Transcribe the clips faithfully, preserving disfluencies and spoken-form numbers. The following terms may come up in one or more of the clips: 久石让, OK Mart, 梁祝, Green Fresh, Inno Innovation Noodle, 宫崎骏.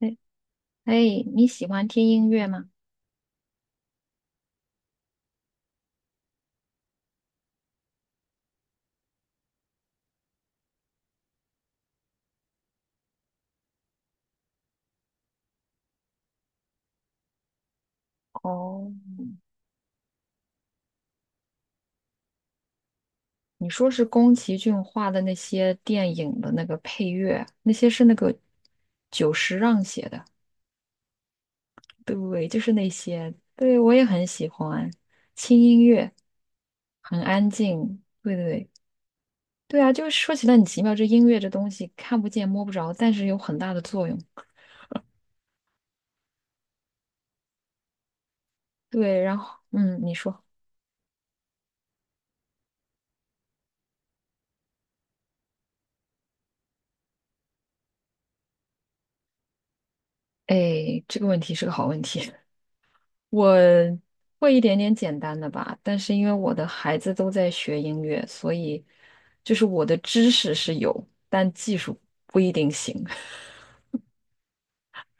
哎，哎，你喜欢听音乐吗？哦，你说是宫崎骏画的那些电影的那个配乐，那些是那个久石让写的，对，就是那些，对，我也很喜欢，轻音乐，很安静，对对对，对啊，就是说起来很奇妙，这音乐这东西看不见摸不着，但是有很大的作用。对，然后，嗯，你说，哎，这个问题是个好问题。我会一点点简单的吧，但是因为我的孩子都在学音乐，所以就是我的知识是有，但技术不一定行，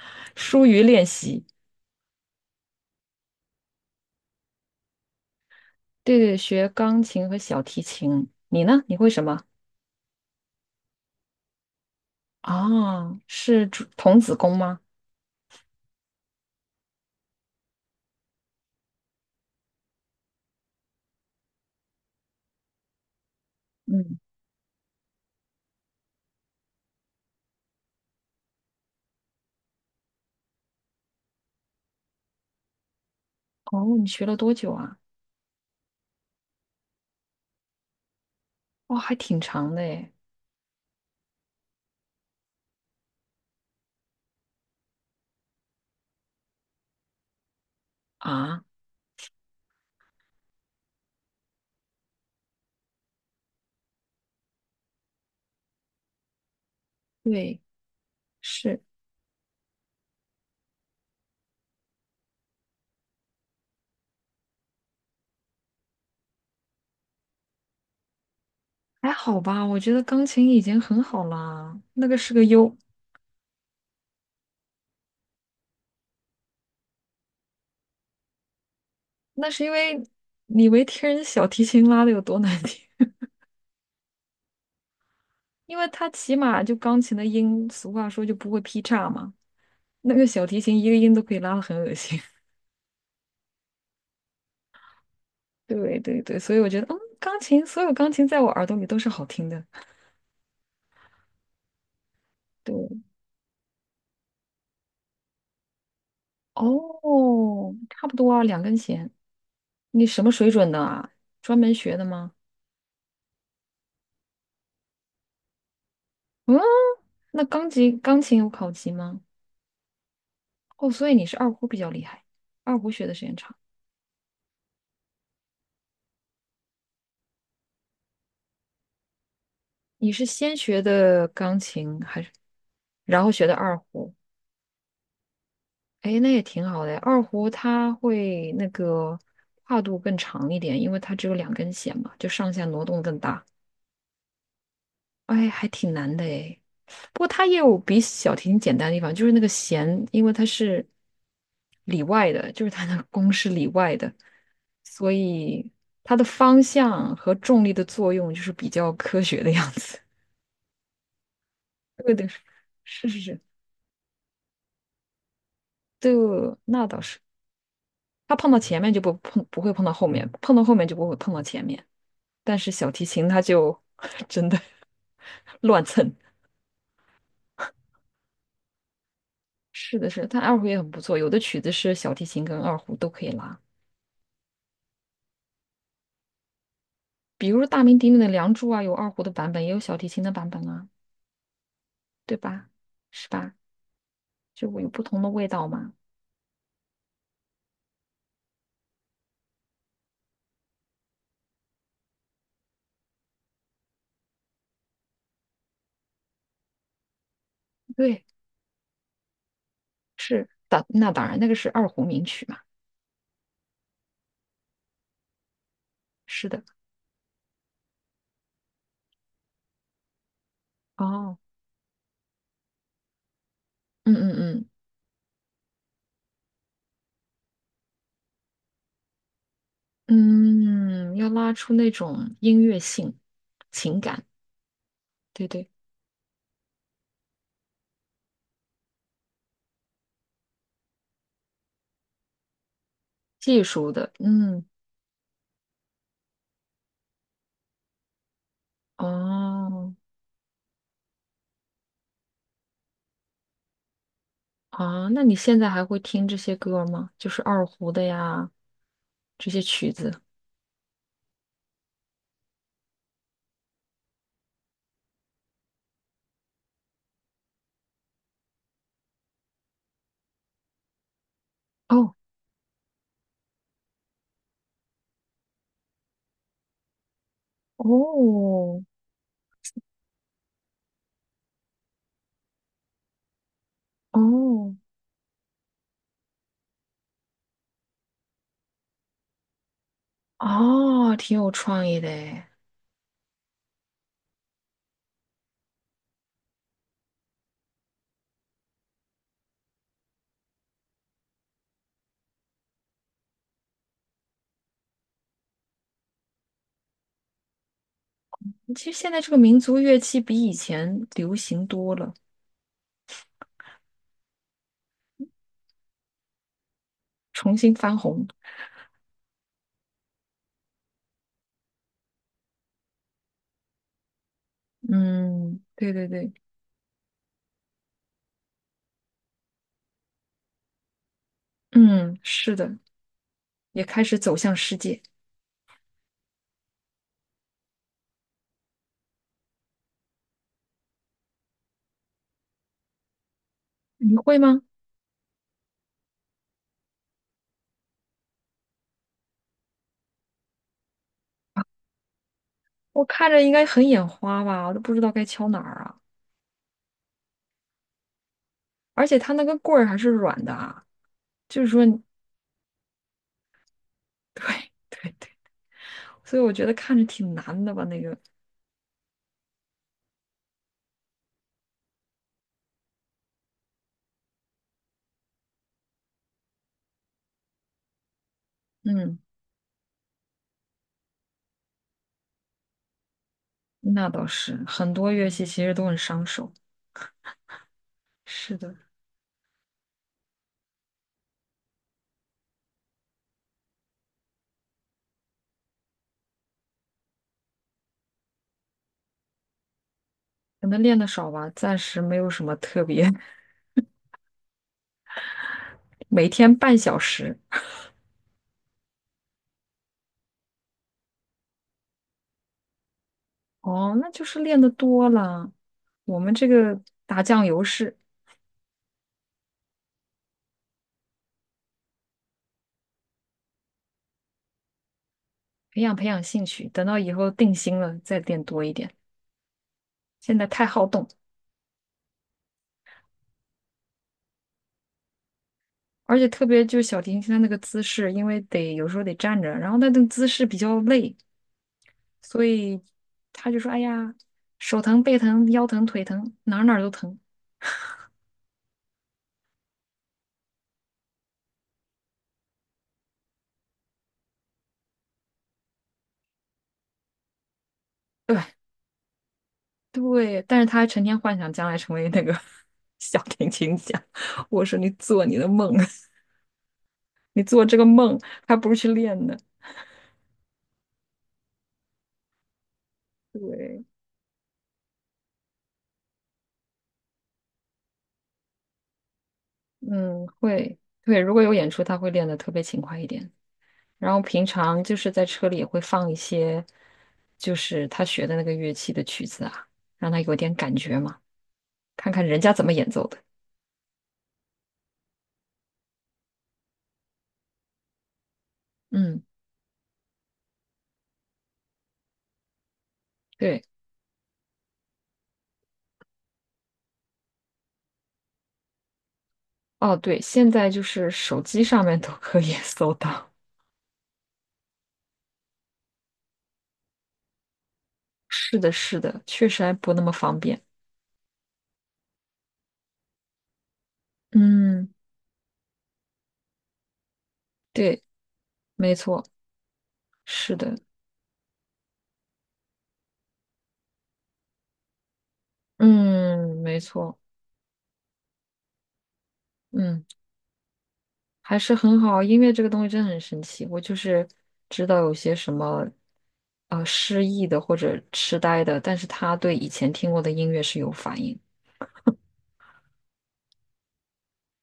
疏于练习。对对，学钢琴和小提琴。你呢？你会什么？啊，是竹童子功吗？嗯，哦，你学了多久啊？哦，还挺长的诶。啊，对，是，还好吧？我觉得钢琴已经很好啦，那个是个优，那是因为你没听人小提琴拉的有多难听。因为它起码就钢琴的音，俗话说就不会劈叉嘛，那个小提琴一个音都可以拉的很恶心。对对对，所以我觉得，嗯，钢琴所有钢琴在我耳朵里都是好听的。对，哦，差不多啊，两根弦。你什么水准的啊？专门学的吗？嗯，那钢琴钢琴有考级吗？哦，所以你是二胡比较厉害，二胡学的时间长。你是先学的钢琴还是？然后学的二胡，哎，那也挺好的二胡它会那个跨度更长一点，因为它只有两根弦嘛，就上下挪动更大。哎，还挺难的哎。不过它也有比小提琴简单的地方，就是那个弦，因为它是里外的，就是它的弓是里外的，所以它的方向和重力的作用就是比较科学的样子。对的，是是是，对，那倒是。它碰到前面就不碰，不会碰到后面，碰到后面就不会碰到前面。但是小提琴它就 真的 乱蹭。是的是的，但二胡也很不错，有的曲子是小提琴跟二胡都可以拉，比如说大名鼎鼎的《梁祝》啊，有二胡的版本，也有小提琴的版本啊，对吧？是吧？就有不同的味道嘛。对，是当那当然，那个是二胡名曲嘛。是的，哦，嗯嗯嗯嗯，要拉出那种音乐性、情感，对对。技术的，嗯，哦，啊，那你现在还会听这些歌吗？就是二胡的呀，这些曲子。哦，哦，哦，哦，挺有创意的诶。其实现在这个民族乐器比以前流行多了，重新翻红。嗯，对对对，嗯，是的，也开始走向世界。你会吗？我看着应该很眼花吧，我都不知道该敲哪儿啊。而且它那个棍儿还是软的啊。就是说，对对对，所以我觉得看着挺难的吧，那个，嗯，那倒是，很多乐器其实都很伤手。是的，可能练的少吧，暂时没有什么特别，每天半小时。哦，那就是练的多了。我们这个打酱油是培养培养兴趣，等到以后定心了再练多一点。现在太好动，而且特别就是小提琴它那个姿势，因为得有时候得站着，然后它那个姿势比较累，所以他就说：“哎呀，手疼、背疼、腰疼、腿疼，哪儿哪儿都疼。”对对，但是他还成天幻想将来成为那个 小提琴家。我说：“你做你的梦，你做这个梦，还不如去练呢。”对，嗯，会，对，如果有演出，他会练得特别勤快一点。然后平常就是在车里也会放一些，就是他学的那个乐器的曲子啊，让他有点感觉嘛，看看人家怎么演奏的。嗯，对。哦，对，现在就是手机上面都可以 搜到。是的，是的，确实还不那么方便。嗯，对，没错，是的，嗯，没错，嗯，还是很好。音乐这个东西真的很神奇，我就是知道有些什么呃失忆的或者痴呆的，但是他对以前听过的音乐是有反应。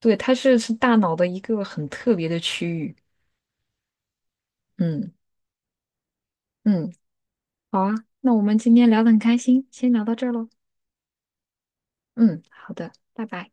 对，它是是大脑的一个很特别的区域。嗯嗯，好啊，那我们今天聊的很开心，先聊到这儿喽。嗯，好的，拜拜。